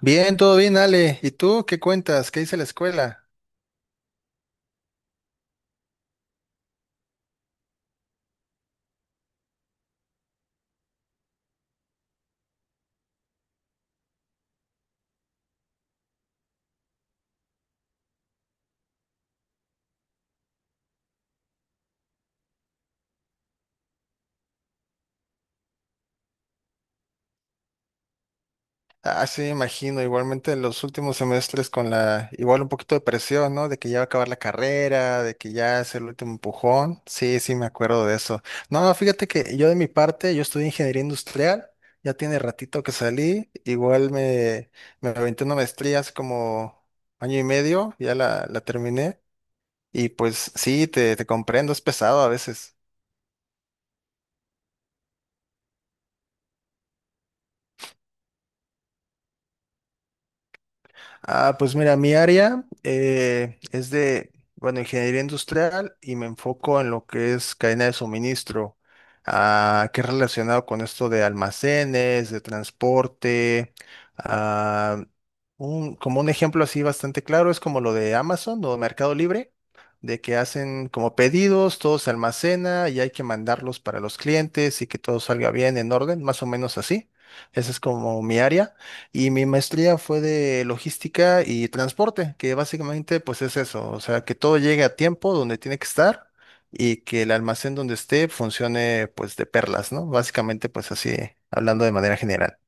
Bien, todo bien, Ale. ¿Y tú qué cuentas? ¿Qué dice la escuela? Ah, sí, me imagino. Igualmente en los últimos semestres igual un poquito de presión, ¿no? De que ya va a acabar la carrera, de que ya es el último empujón. Sí, sí, me acuerdo de eso. No, fíjate que yo de mi parte, yo estudié ingeniería industrial. Ya tiene ratito que salí. Me aventé una maestría hace como año y medio. Ya la terminé. Y pues sí, te comprendo, es pesado a veces. Ah, pues mira, mi área es de, bueno, ingeniería industrial y me enfoco en lo que es cadena de suministro, ah, que es relacionado con esto de almacenes, de transporte. ah, un- como un ejemplo así bastante claro es como lo de Amazon o Mercado Libre, de que hacen como pedidos, todo se almacena y hay que mandarlos para los clientes y que todo salga bien en orden, más o menos así. Esa es como mi área. Y mi maestría fue de logística y transporte, que básicamente pues es eso, o sea, que todo llegue a tiempo donde tiene que estar y que el almacén donde esté funcione pues de perlas, ¿no? Básicamente pues así, hablando de manera general.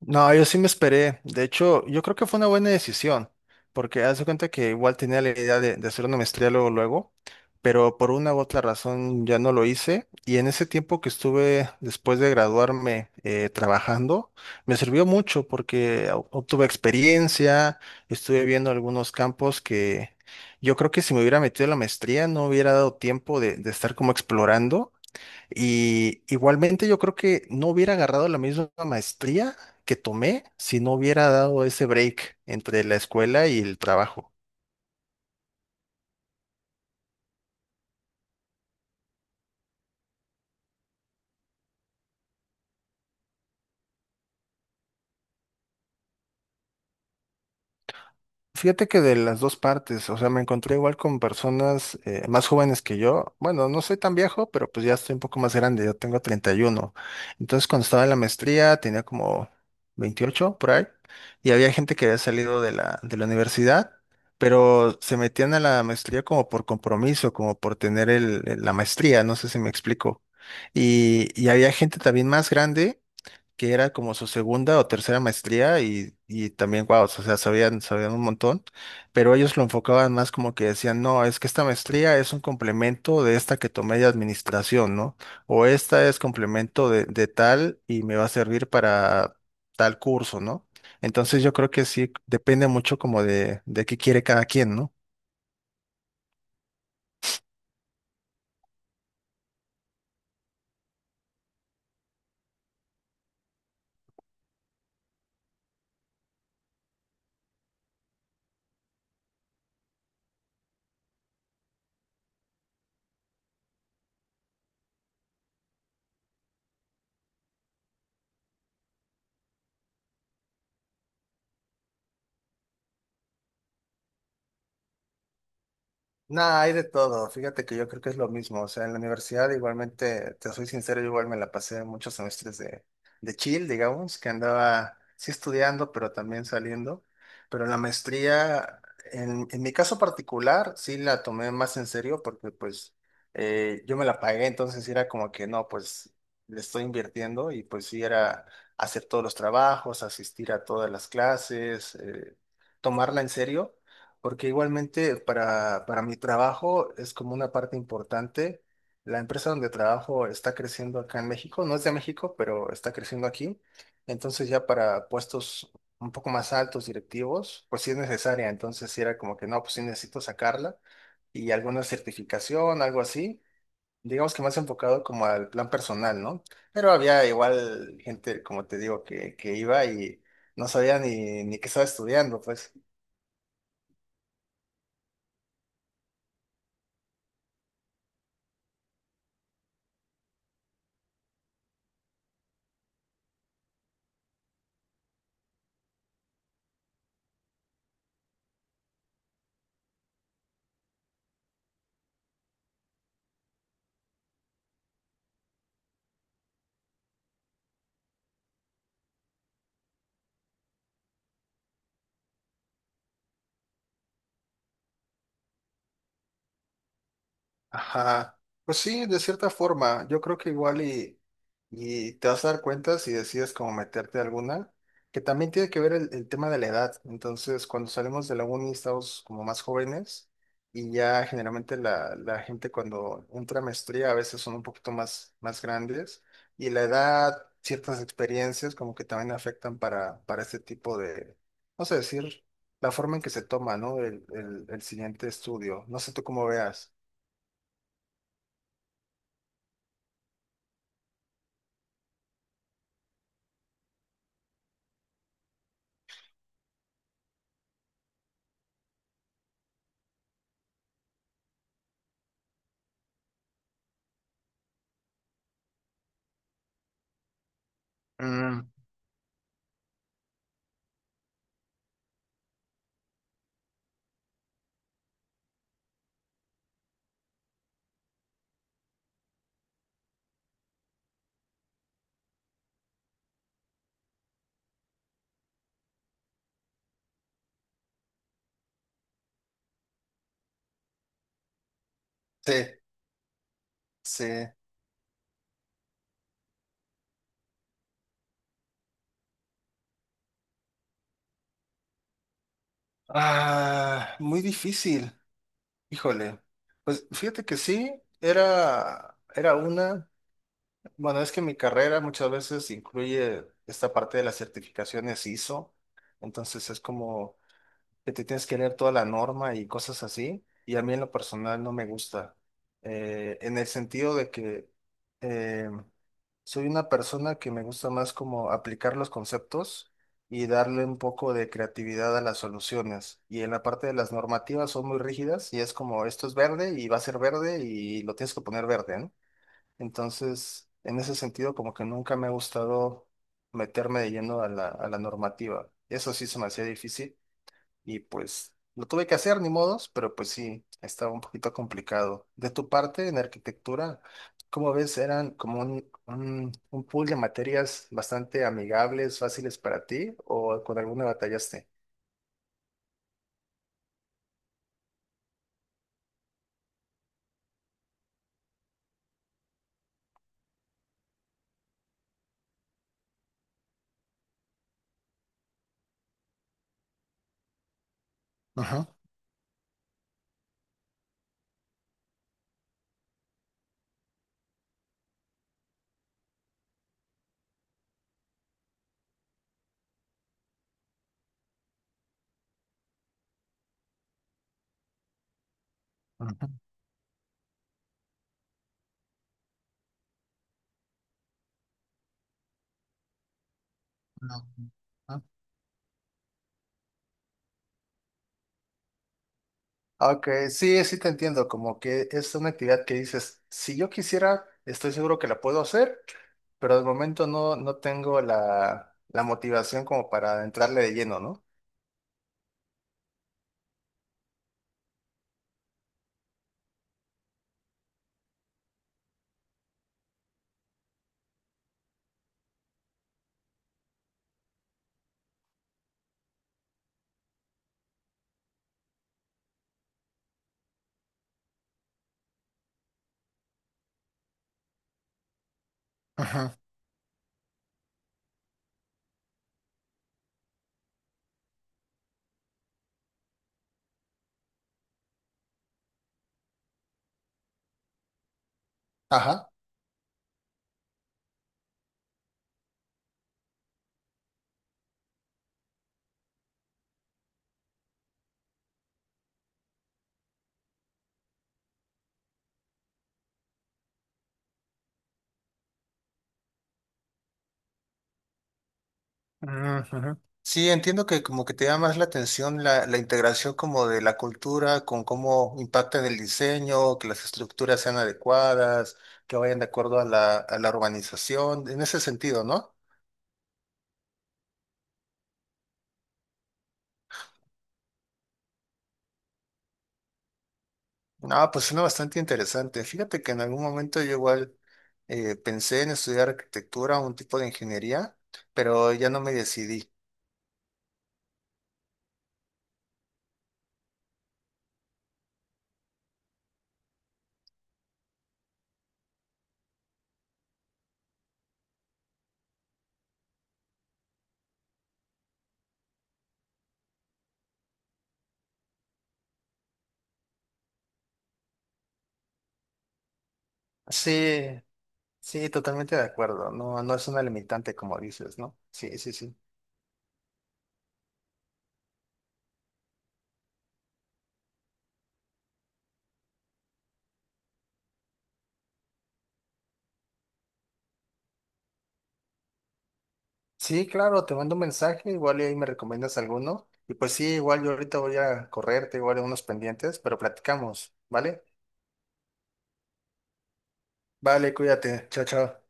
No, yo sí me esperé. De hecho, yo creo que fue una buena decisión, porque haz de cuenta que igual tenía la idea de hacer una maestría luego, luego, pero por una u otra razón ya no lo hice. Y en ese tiempo que estuve después de graduarme trabajando, me sirvió mucho porque obtuve experiencia, estuve viendo algunos campos que yo creo que si me hubiera metido en la maestría no hubiera dado tiempo de estar como explorando. Y igualmente yo creo que no hubiera agarrado la misma maestría que tomé si no hubiera dado ese break entre la escuela y el trabajo. Fíjate que de las dos partes, o sea, me encontré igual con personas más jóvenes que yo. Bueno, no soy tan viejo, pero pues ya estoy un poco más grande, yo tengo 31. Entonces, cuando estaba en la maestría, tenía como 28 por ahí, y había gente que había salido de la universidad, pero se metían a la maestría como por compromiso, como por tener la maestría, no sé si me explico. Y había gente también más grande que era como su segunda o tercera maestría y también, wow, o sea, sabían un montón, pero ellos lo enfocaban más como que decían, no, es que esta maestría es un complemento de esta que tomé de administración, ¿no? O esta es complemento de tal y me va a servir para tal curso, ¿no? Entonces yo creo que sí depende mucho como de qué quiere cada quien, ¿no? Nada, hay de todo. Fíjate que yo creo que es lo mismo. O sea, en la universidad igualmente, te soy sincero, yo igual me la pasé muchos semestres de chill, digamos, que andaba sí estudiando, pero también saliendo. Pero la maestría, en mi caso particular, sí la tomé más en serio porque pues yo me la pagué, entonces era como que no, pues le estoy invirtiendo y pues sí era hacer todos los trabajos, asistir a todas las clases, tomarla en serio. Porque igualmente para mi trabajo es como una parte importante. La empresa donde trabajo está creciendo acá en México, no es de México, pero está creciendo aquí. Entonces ya para puestos un poco más altos, directivos, pues sí es necesaria. Entonces sí era como que no, pues sí necesito sacarla y alguna certificación, algo así. Digamos que más enfocado como al plan personal, ¿no? Pero había igual gente, como te digo, que iba y no sabía ni qué estaba estudiando, pues. Ajá. Pues sí, de cierta forma, yo creo que y te vas a dar cuenta si decides como meterte a alguna, que también tiene que ver el tema de la edad. Entonces, cuando salimos de la uni estamos como más jóvenes y ya generalmente la gente cuando entra a maestría a veces son un poquito más, más grandes y la edad, ciertas experiencias como que también afectan para este tipo de, no sé decir, la forma en que se toma, ¿no? El siguiente estudio. No sé tú cómo veas. Mm, sí, sí. Ah, muy difícil. Híjole. Pues fíjate que sí, era una. Bueno, es que mi carrera muchas veces incluye esta parte de las certificaciones ISO. Entonces es como que te tienes que leer toda la norma y cosas así, y a mí en lo personal no me gusta, en el sentido de que eh, soy una persona que me gusta más como aplicar los conceptos y darle un poco de creatividad a las soluciones. Y en la parte de las normativas son muy rígidas y es como esto es verde y va a ser verde y lo tienes que poner verde, ¿no? Entonces, en ese sentido, como que nunca me ha gustado meterme de lleno a la normativa. Eso sí se me hacía difícil. Y pues lo tuve que hacer, ni modos, pero pues sí, estaba un poquito complicado. De tu parte, en arquitectura, como ves, eran como un pool de materias bastante amigables, fáciles para ti, o con alguna batallaste. Ajá, ajá, no, ajá. Ok, sí, sí te entiendo, como que es una actividad que dices, si yo quisiera, estoy seguro que la puedo hacer, pero de momento no, no tengo la motivación como para entrarle de lleno, ¿no? Ajá. Ajá. Ujú, ujú. Sí, entiendo que como que te llama más la atención la integración como de la cultura con cómo impacta en el diseño, que las estructuras sean adecuadas, que vayan de acuerdo a la urbanización, en ese sentido, ¿no? No, pues suena bastante interesante. Fíjate que en algún momento yo igual pensé en estudiar arquitectura o un tipo de ingeniería, pero ya no me decidí. Sí, sí, totalmente de acuerdo. No, no es una limitante como dices, ¿no? Sí, sí, sí. Sí, claro, te mando un mensaje, igual y ahí me recomiendas alguno. Y pues sí, igual yo ahorita voy a correr. Tengo igual unos pendientes, pero platicamos, ¿vale? Vale, cuídate, chao, chao.